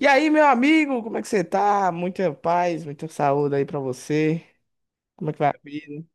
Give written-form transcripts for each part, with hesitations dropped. E aí, meu amigo, como é que você tá? Muita paz, muita saúde aí pra você. Como é que vai a vida?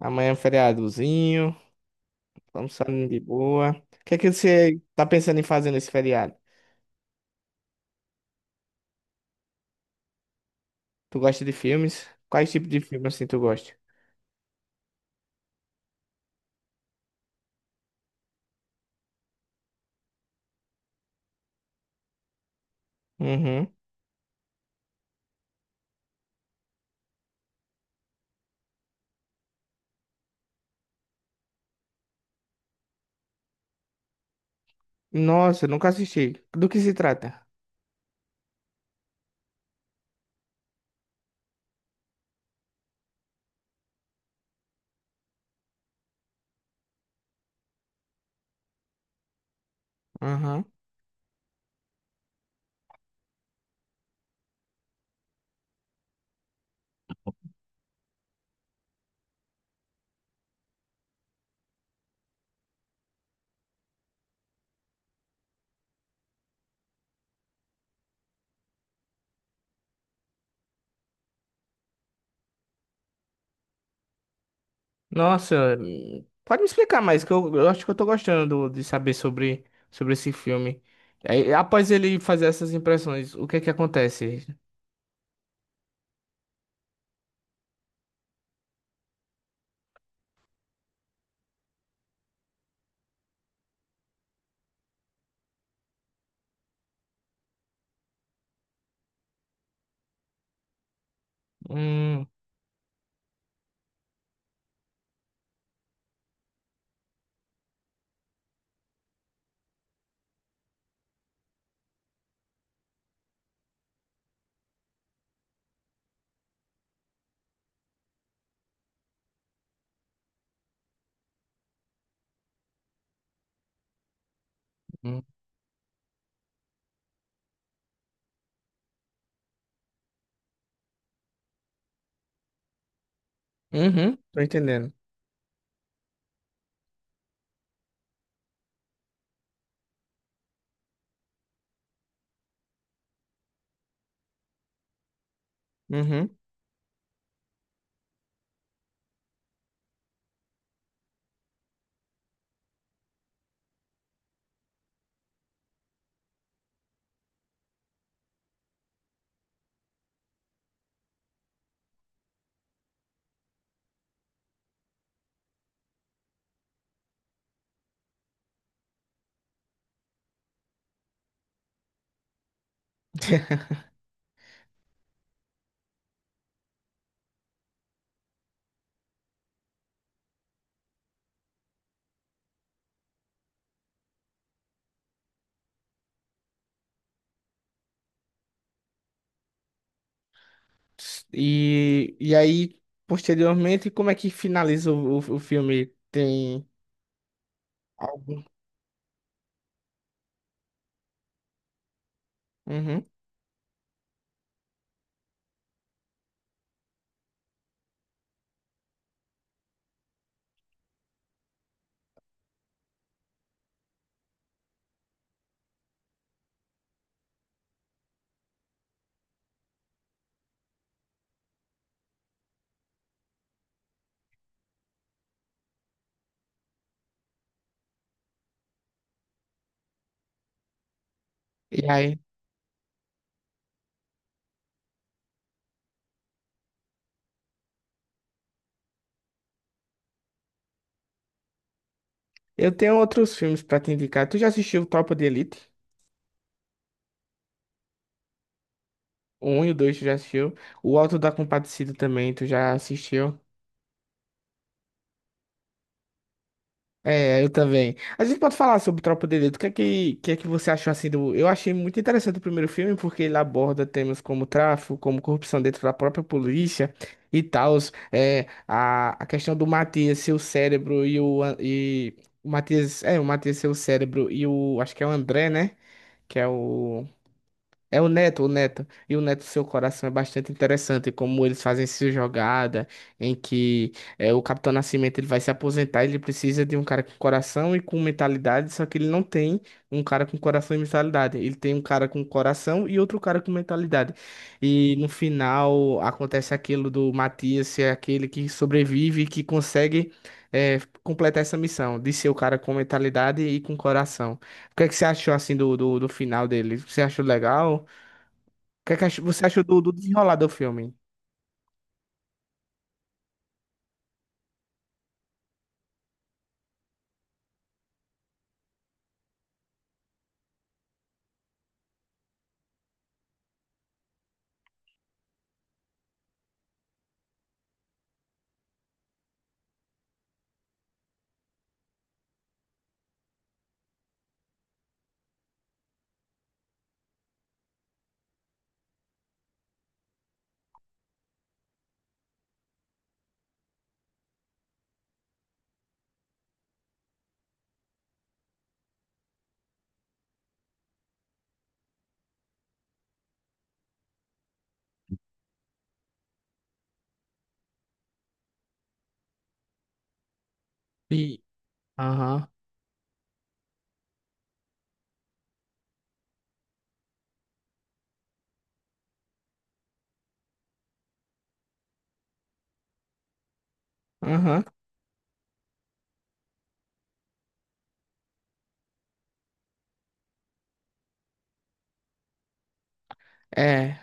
Amanhã é um feriadozinho, vamos saindo de boa. O que é que você tá pensando em fazer nesse feriado? Tu gosta de filmes? Quais tipos de filmes assim tu gosta? Uhum. Nossa, eu nunca assisti. Do que se trata? Uhum. Nossa, pode me explicar mais, que eu acho que eu tô gostando de saber sobre, sobre esse filme. Aí, após ele fazer essas impressões, o que é que acontece? Hum. Hum. Uhum, tô entendendo. Uhum. E, e aí, posteriormente, como é que finaliza o filme? Tem algo? Uhum. E aí? Eu tenho outros filmes pra te indicar. Tu já assistiu Tropa de Elite? O 1 e o 2 tu já assistiu. O Auto da Compadecida também tu já assistiu. É, eu também. A gente pode falar sobre Tropa de Elite. O que é que você achou assim do. Eu achei muito interessante o primeiro filme, porque ele aborda temas como tráfico, como corrupção dentro da própria polícia e tal. É, a questão do Matias ser o cérebro e o. E, o Matias. É, o Matias ser o cérebro e o. Acho que é o André, né? Que é o. É o Neto, o Neto. E o Neto, seu coração é bastante interessante, como eles fazem essa jogada, em que é, o Capitão Nascimento ele vai se aposentar, ele precisa de um cara com coração e com mentalidade, só que ele não tem um cara com coração e mentalidade. Ele tem um cara com coração e outro cara com mentalidade. E no final acontece aquilo do Matias ser aquele que sobrevive e que consegue é, completar essa missão, de ser o cara com mentalidade e com coração. O que é que você achou assim do final dele? Você achou legal? O que é que você achou do desenrolar do filme? E. Aham, aham. É.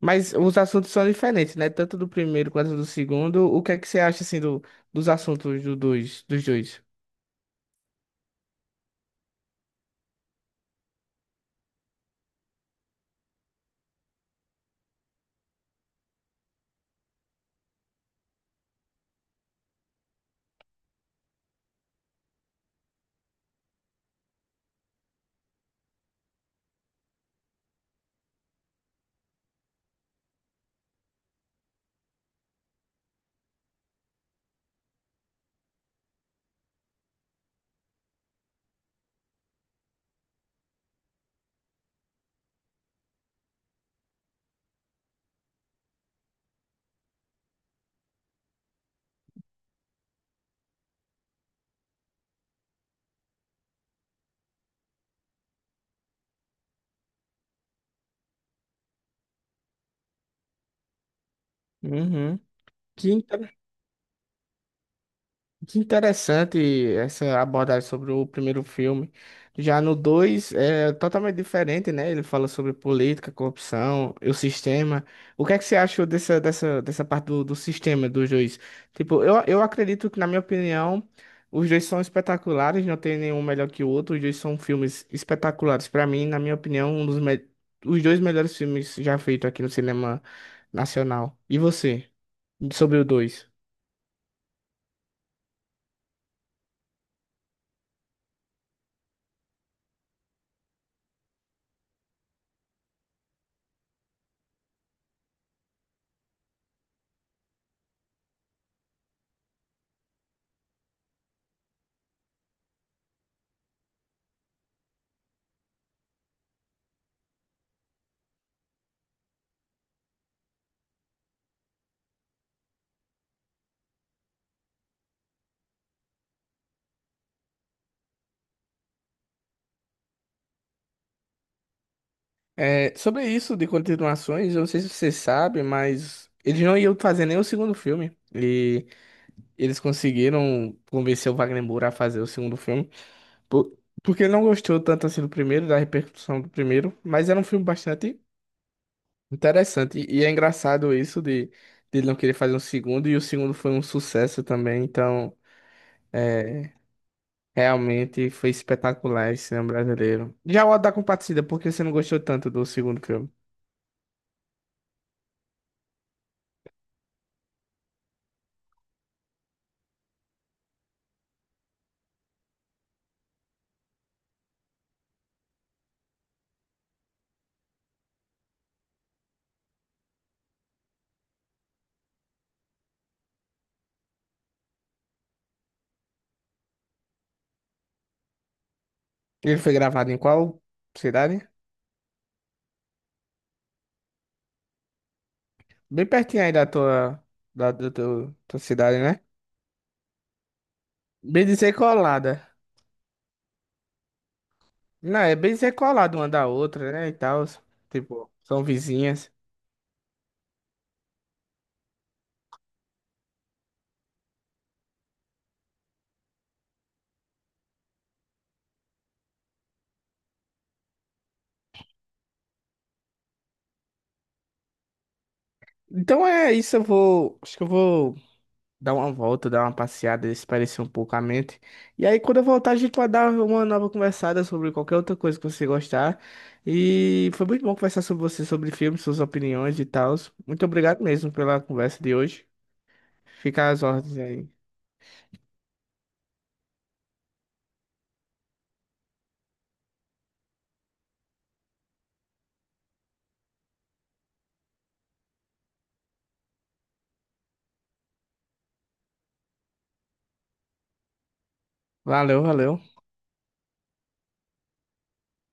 Mas os assuntos são diferentes, né? Tanto do primeiro quanto do segundo. O que é que você acha, assim, do, dos assuntos do dois, dos dois? Uhum. Que Que interessante essa abordagem sobre o primeiro filme. Já no 2 é totalmente diferente, né? Ele fala sobre política, corrupção e o sistema. O que é que você achou dessa parte do sistema dos dois? Tipo, eu acredito que, na minha opinião, os dois são espetaculares, não tem nenhum melhor que o outro. Os dois são filmes espetaculares. Para mim, na minha opinião, um dos me... os dois melhores filmes já feitos aqui no cinema nacional. E você, sobre o 2? É, sobre isso de continuações, eu não sei se você sabe, mas eles não iam fazer nem o segundo filme. E eles conseguiram convencer o Wagner Moura a fazer o segundo filme. por- Porque ele não gostou tanto assim do primeiro, da repercussão do primeiro, mas era um filme bastante interessante. E é engraçado isso de ele não querer fazer um segundo, e o segundo foi um sucesso também, então realmente foi espetacular esse cinema brasileiro. Já o Auto da Compadecida, por que você não gostou tanto do segundo filme? Ele foi gravado em qual cidade? Bem pertinho aí da tua, da tua, tua cidade, né? Bem dizer colada. Não, é bem dizer colada uma da outra, né? E tal. Tipo, são vizinhas. Então é isso, eu vou. Acho que eu vou dar uma volta, dar uma passeada, espairecer um pouco a mente. E aí, quando eu voltar, a gente vai dar uma nova conversada sobre qualquer outra coisa que você gostar. E foi muito bom conversar sobre você, sobre filmes, suas opiniões e tal. Muito obrigado mesmo pela conversa de hoje. Fica às ordens aí. Valeu, valeu.